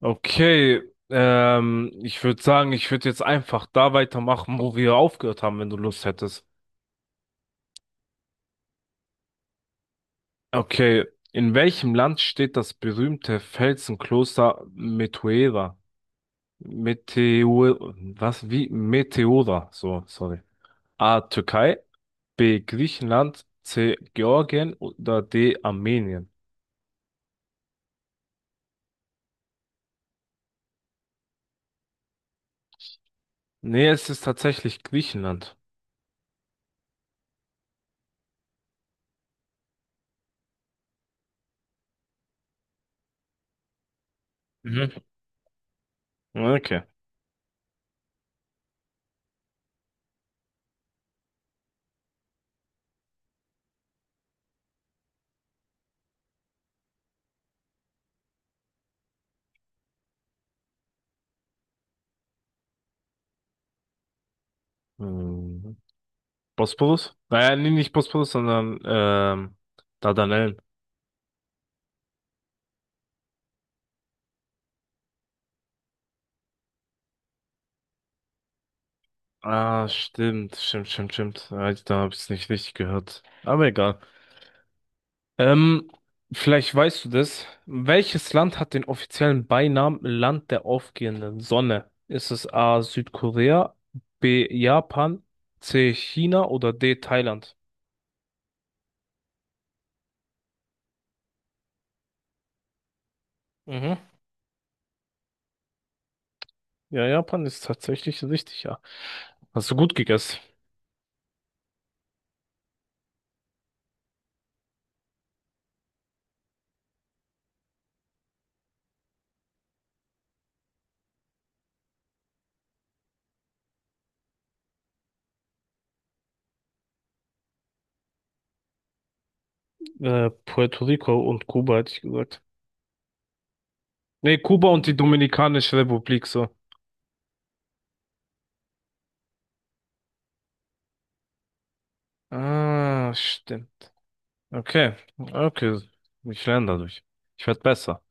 Okay, ich würde sagen, ich würde jetzt einfach da weitermachen, wo wir aufgehört haben, wenn du Lust hättest. Okay, in welchem Land steht das berühmte Felsenkloster Meteora? Meteor, was, wie? Meteora, so, sorry. A, Türkei, B, Griechenland, C, Georgien oder D, Armenien? Nee, es ist tatsächlich Griechenland. Mhm. Okay. Hm. Bosporus? Naja, nee, nicht Bosporus, sondern Dardanellen. Ah, stimmt, stimmt, stimmt, stimmt. Ah, da habe ich es nicht richtig gehört. Aber egal. Ähm, vielleicht weißt du das. Welches Land hat den offiziellen Beinamen Land der aufgehenden Sonne? Ist es A. Südkorea, B. Japan, C. China oder D. Thailand? Mhm. Ja, Japan ist tatsächlich richtig, ja. Hast du gut gegessen. Puerto Rico und Kuba hätte ich gesagt. Nee, Kuba und die Dominikanische Republik so. Ah, stimmt. Okay, okay. Ich lerne dadurch. Ich werde besser.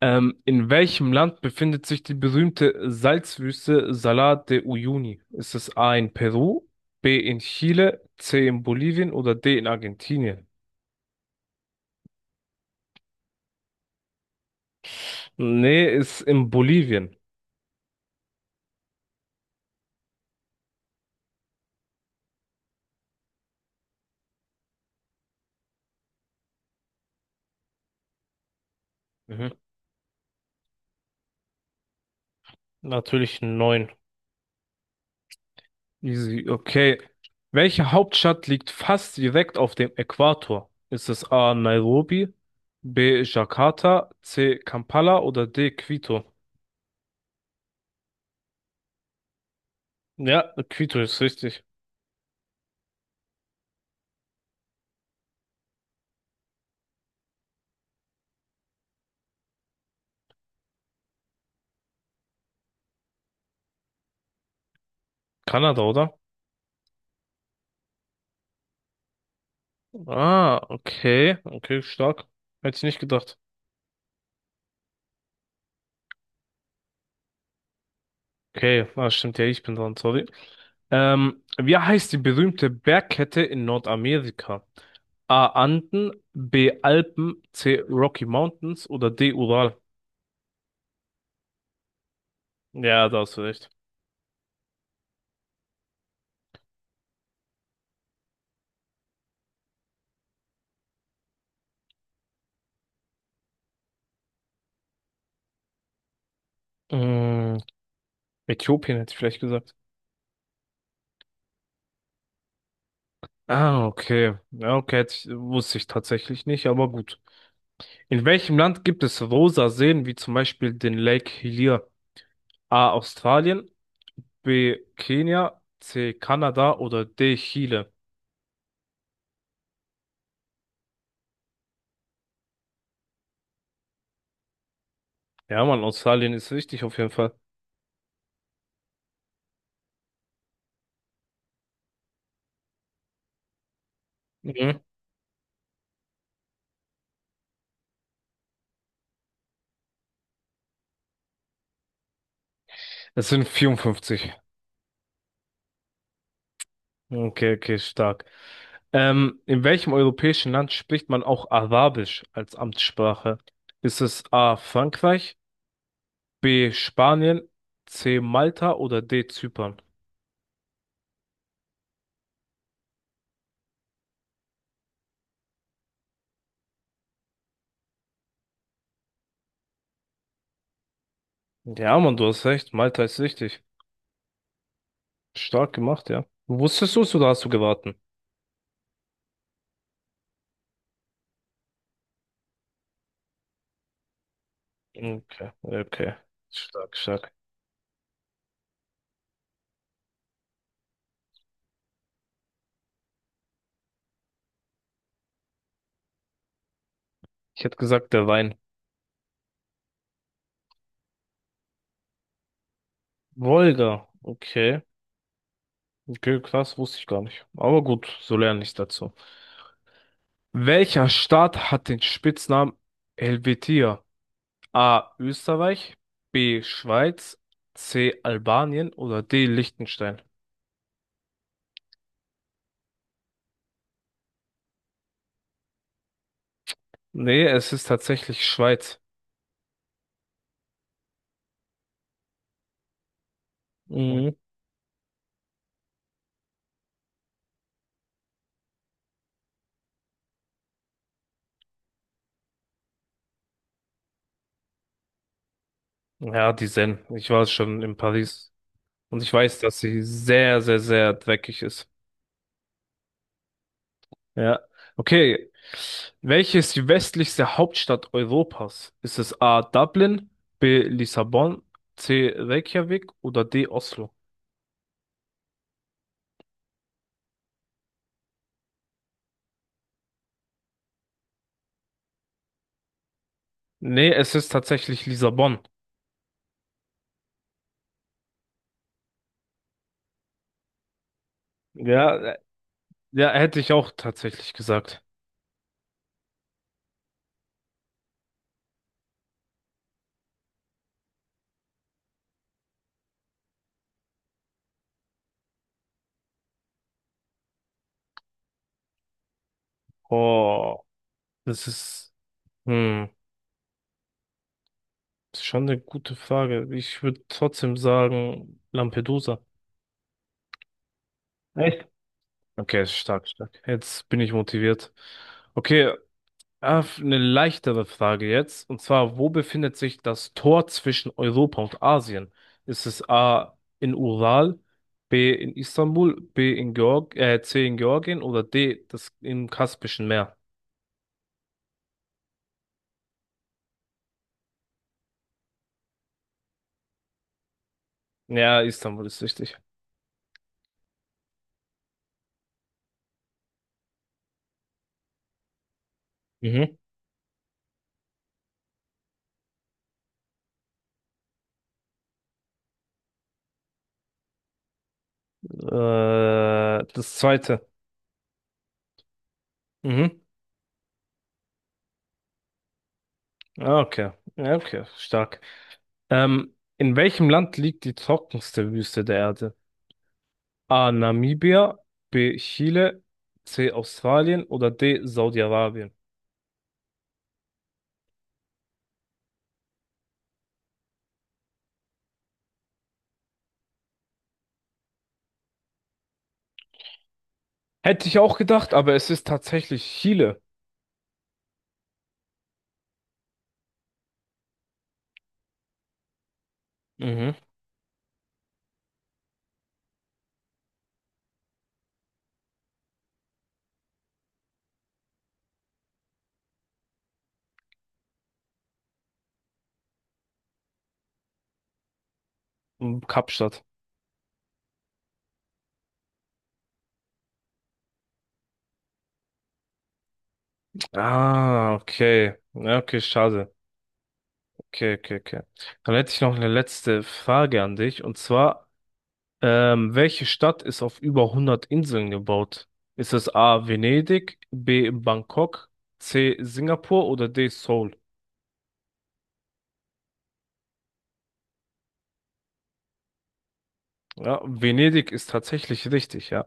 In welchem Land befindet sich die berühmte Salzwüste Salar de Uyuni? Ist es A in Peru, B in Chile, C in Bolivien oder D in Argentinien? Nee, ist in Bolivien. Mhm. Natürlich neun. Easy, okay. Welche Hauptstadt liegt fast direkt auf dem Äquator? Ist es A. Nairobi, B. Jakarta, C. Kampala oder D. Quito? Ja, Quito ist richtig. Kanada, oder? Ah, okay. Okay, stark. Hätte ich nicht gedacht. Okay, ah, stimmt ja, ich bin dran, sorry. Wie heißt die berühmte Bergkette in Nordamerika? A. Anden, B. Alpen, C. Rocky Mountains oder D. Ural? Ja, da hast du recht. Mm, Äthiopien hätte ich vielleicht gesagt. Ah, okay. Ja, okay, hätte ich, wusste ich tatsächlich nicht, aber gut. In welchem Land gibt es rosa Seen, wie zum Beispiel den Lake Hillier? A. Australien, B. Kenia, C. Kanada oder D. Chile? Ja, Mann, Australien ist richtig auf jeden Fall. Mhm. Es sind 54. Okay, okay, stark. In welchem europäischen Land spricht man auch Arabisch als Amtssprache? Ist es A. Frankreich? B. Spanien, C. Malta oder D. Zypern? Ja, Mann, du hast recht. Malta ist richtig. Stark gemacht, ja. Wusstest du es oder hast du geraten? Okay, okay. Stark, stark. Ich hätte gesagt, der Wein. Wolga. Okay. Okay, krass, wusste ich gar nicht. Aber gut, so lerne ich dazu. Welcher Staat hat den Spitznamen Helvetia? A. Österreich, B. Schweiz, C. Albanien oder D. Liechtenstein? Nee, es ist tatsächlich Schweiz. Mhm. Ja, die Seine. Ich war schon in Paris und ich weiß, dass sie sehr, sehr, sehr dreckig ist. Ja. Okay. Welche ist die westlichste Hauptstadt Europas? Ist es A. Dublin, B. Lissabon, C. Reykjavik oder D. Oslo? Nee, es ist tatsächlich Lissabon. Ja, ja, hätte ich auch tatsächlich gesagt. Oh, das ist, hm, ist schon eine gute Frage. Ich würde trotzdem sagen Lampedusa. Echt? Okay, stark, stark. Jetzt bin ich motiviert. Okay, eine leichtere Frage jetzt. Und zwar, wo befindet sich das Tor zwischen Europa und Asien? Ist es A in Ural, B in Istanbul, B in Georg C in Georgien oder D das im Kaspischen Meer? Ja, Istanbul ist richtig. Mhm. Äh, das zweite. Mhm. Ah, okay. Ja, okay, stark. In welchem Land liegt die trockenste Wüste der Erde? A. Namibia, B. Chile, C. Australien oder D. Saudi-Arabien. Hätte ich auch gedacht, aber es ist tatsächlich Chile. Mhm. Und Kapstadt. Ah, okay. Ja, okay, schade. Okay, okay, okay. Dann hätte ich noch eine letzte Frage an dich. Und zwar, welche Stadt ist auf über 100 Inseln gebaut? Ist es A. Venedig, B. Bangkok, C. Singapur oder D. Seoul? Ja, Venedig ist tatsächlich richtig, ja.